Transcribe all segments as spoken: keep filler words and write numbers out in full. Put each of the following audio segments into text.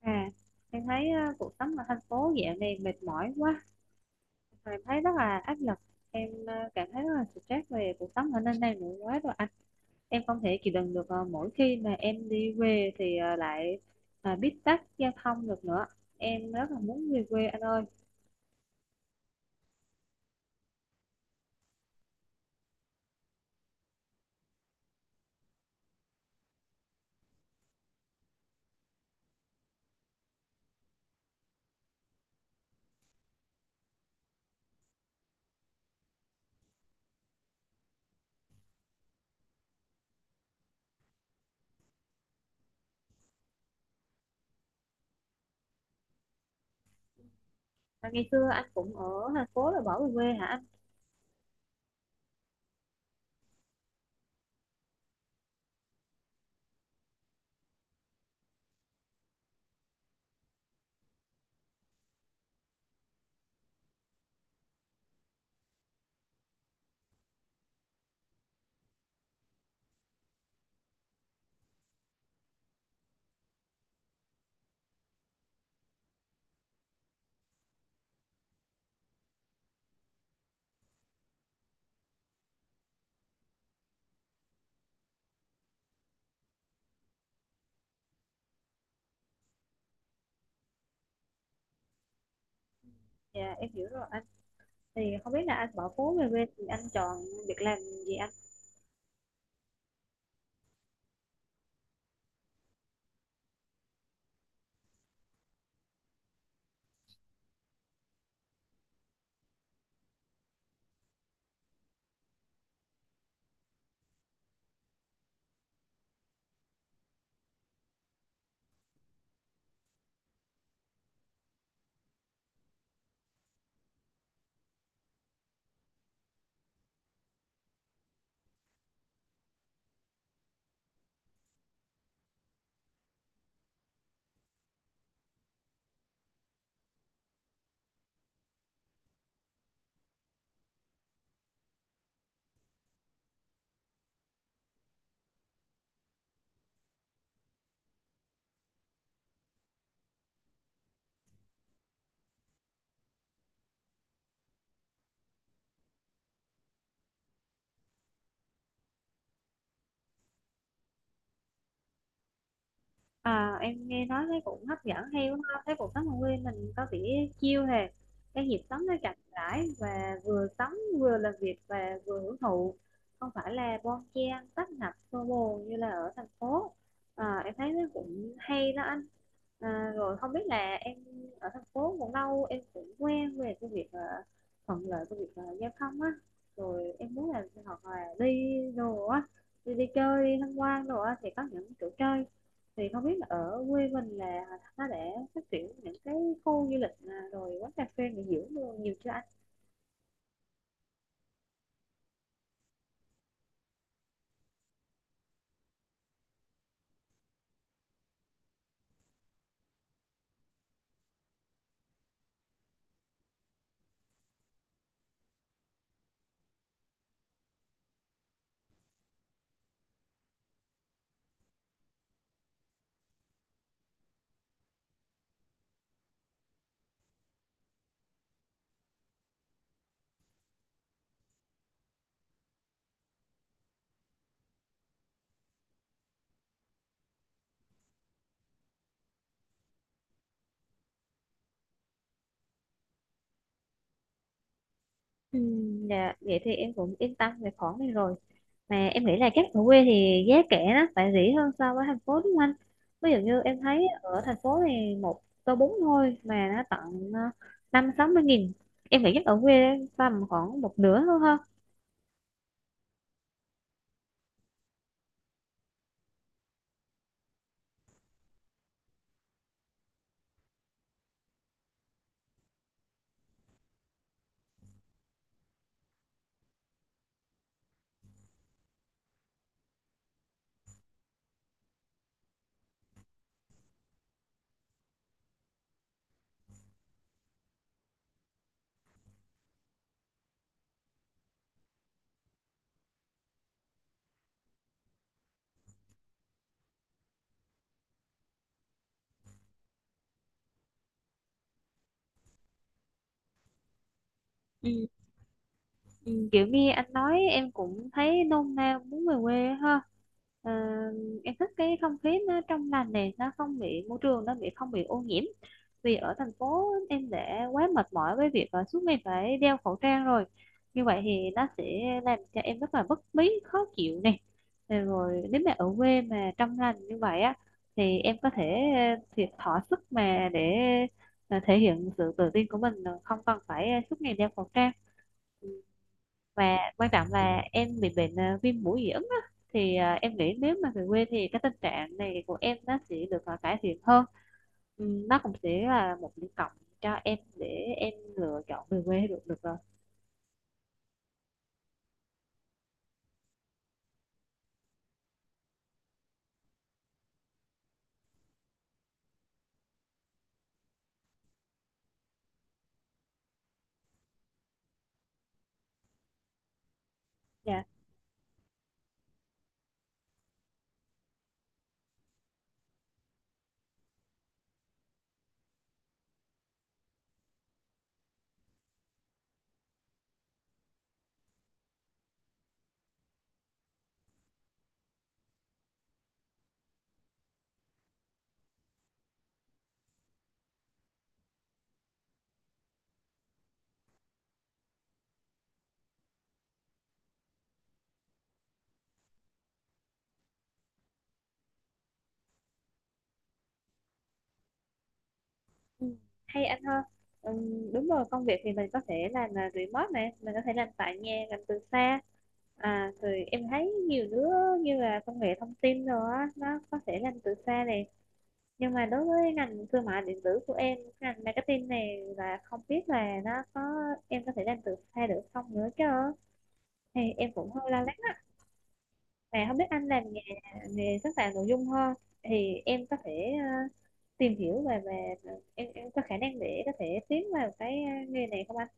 À, em thấy ờ, cuộc sống ở thành phố dạo này mệt mỏi quá, em thấy rất là áp lực, em ờ, cảm thấy rất là stress về cuộc sống ở nơi này nữa quá rồi anh. Em không thể chịu đựng được ờ, mỗi khi mà em đi về thì ờ, lại ờ, bít tắc giao thông được nữa. Em rất là muốn về quê anh ơi. Mà ngày xưa anh cũng ở thành phố rồi bỏ về quê hả anh? Dạ em hiểu rồi anh. Thì không biết là anh bỏ phố về quê thì anh chọn việc làm gì anh? À, em nghe nói thấy cũng hấp dẫn hay quá ha. Thấy cuộc sống ở quê mình có vẻ chill hè, cái nhịp sống nó chậm rãi và vừa sống vừa làm việc và vừa hưởng thụ, không phải là bon chen tấp nập xô bồ như là ở thành phố. À, em thấy nó cũng hay đó anh. À, rồi không biết là em ở thành phố cũng lâu, em cũng quen về cái việc ờ, thuận lợi cái việc ờ, giao thông á, rồi em muốn là hoặc là đi đồ á, đi, đi chơi đi tham quan đồ á thì có những chỗ chơi, thì không biết là ở quê mình là nó đã phát triển những cái khu du lịch à, rồi quán cà phê nghỉ dưỡng đồ nhiều chưa anh? Ừ, dạ, vậy thì em cũng yên tâm về khoản này rồi. Mà em nghĩ là chắc ở quê thì giá cả nó phải rẻ hơn so với thành phố đúng không anh? Ví dụ như em thấy ở thành phố thì một tô bún thôi mà nó tận ờ, năm sáu mươi nghìn. Em nghĩ chắc ở quê tầm khoảng một nửa thôi ha. Ừ. Ừ, kiểu như anh nói em cũng thấy nôn nao muốn về quê á ha. Ờ, em thích cái không khí nó trong lành này, nó không bị môi trường nó bị không bị ô nhiễm, vì ở thành phố em đã quá mệt mỏi với việc ờ, suốt ngày phải đeo khẩu trang rồi, như vậy thì nó sẽ làm cho em rất là bất bí khó chịu này. Ờ, rồi nếu mà ở quê mà trong lành như vậy á thì em có thể ờ, thiệt thỏa sức mà để ờ, thể hiện sự tự tin của mình, ờ, không cần phải ờ, suốt ngày đeo khẩu trang. Ừ, và quan trọng là em bị bệnh ờ, viêm mũi dị ứng á, thì ờ, em nghĩ nếu mà về quê thì cái tình trạng này của em nó sẽ được ờ, cải thiện hơn. Ừm, nó cũng sẽ là một điểm cộng cho em để em lựa chọn về quê được được rồi. Dạ. Ừm, hay anh ha. Ừm, đúng rồi, công việc thì mình có thể làm uh, remote này, mình có thể làm tại nhà, làm từ xa. À rồi em thấy nhiều đứa như là công nghệ thông tin rồi á nó có thể làm từ xa này, nhưng mà đối với ngành thương mại điện tử của em ngành marketing này là không biết là nó có em có thể làm được hay được không nữa chứ, thì em cũng hơi lo lắng á. Mà không biết anh làm nghề nghề sáng tạo nội dung hơn thì em có thể ờ, tìm hiểu về về em em có khả năng để có thể tiến vào cái ờ, nghề này không anh?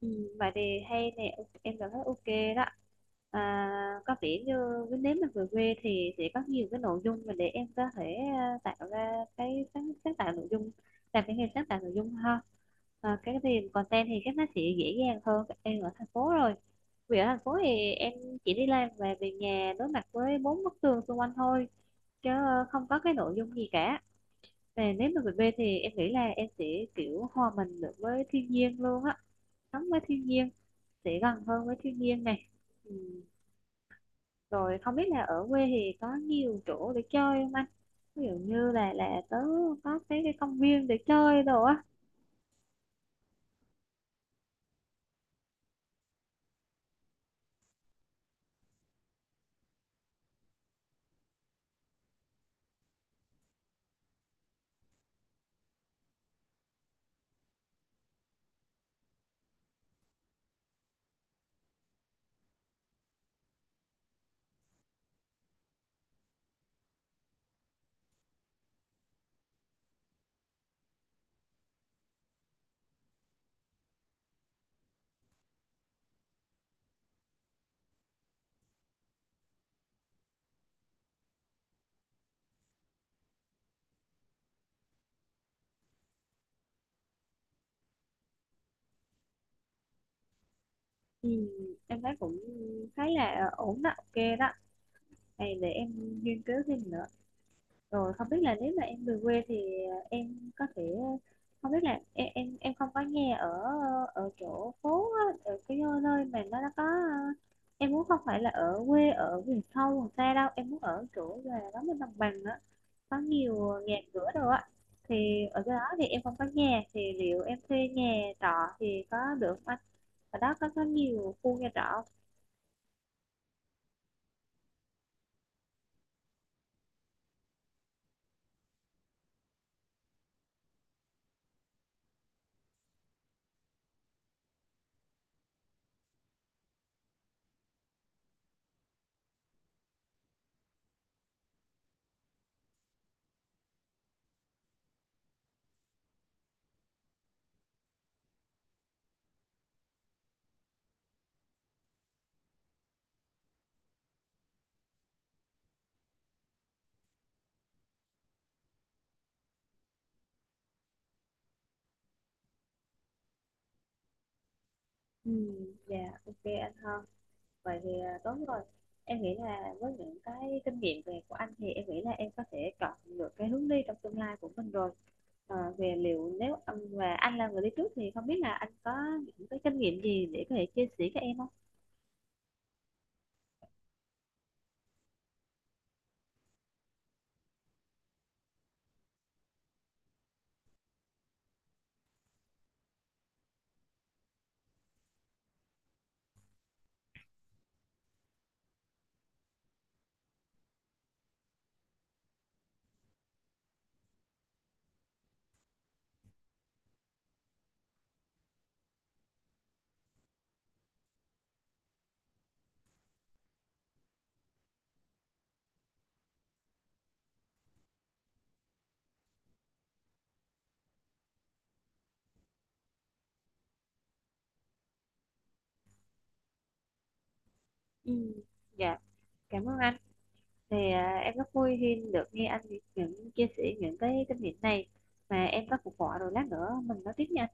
Ừ, vậy thì hay nè, ok, em cảm thấy ok đó. À, có vẻ như cái nếu mà về quê thì sẽ có nhiều cái nội dung mà để em có thể à, tạo ra cái sáng, sáng tạo nội dung, làm cái nghề sáng tạo nội dung ha. À, cái thì content thì chắc nó sẽ dễ dàng hơn em ở thành phố rồi, vì ở thành phố thì em chỉ đi làm và về nhà đối mặt với bốn bức tường xung quanh thôi, chứ ờ, không có cái nội dung gì cả. Và nếu mà về quê thì em nghĩ là em sẽ kiểu hòa mình được với thiên nhiên luôn á, sống với thiên nhiên, sẽ gần hơn với thiên nhiên này. Ừ. Rồi không biết là ở quê thì có nhiều chỗ để chơi không anh, ví dụ như là là tớ có cái, cái công viên để chơi đồ á. Ừ. Em thấy cũng thấy là ổn đó, ok đó. Này để em nghiên cứu thêm nữa. Rồi không biết là nếu mà em về quê thì ờ, em có thể ờ, không biết là em em, em không có nghe ở ở chỗ phố á, ở cái nơi mà nó nó có ờ, em muốn không phải là ở quê ở vùng sâu vùng xa đâu, em muốn ở chỗ là đó bên đồng bằng á, có nhiều nhà cửa đâu á, thì ở cái đó thì em không có nhà thì liệu em thuê nhà trọ thì có được không anh? Ở đó có có nhiều khu nhà trọ không? Ừ. Dạ, ok anh Hân, vậy thì à, tốt rồi. Em nghĩ là với những cái kinh nghiệm về của anh thì em nghĩ là em có thể chọn được cái hướng đi trong tương lai của mình rồi. Ờ, về liệu nếu anh và anh là người đi trước thì không biết là anh có những cái kinh nghiệm gì để có thể chia sẻ cho em không? Ừ. Dạ cảm ơn anh, thì à, em rất vui khi được nghe anh những chia sẻ những cái kinh nghiệm này, mà em có cuộc gọi rồi lát nữa mình nói tiếp nha.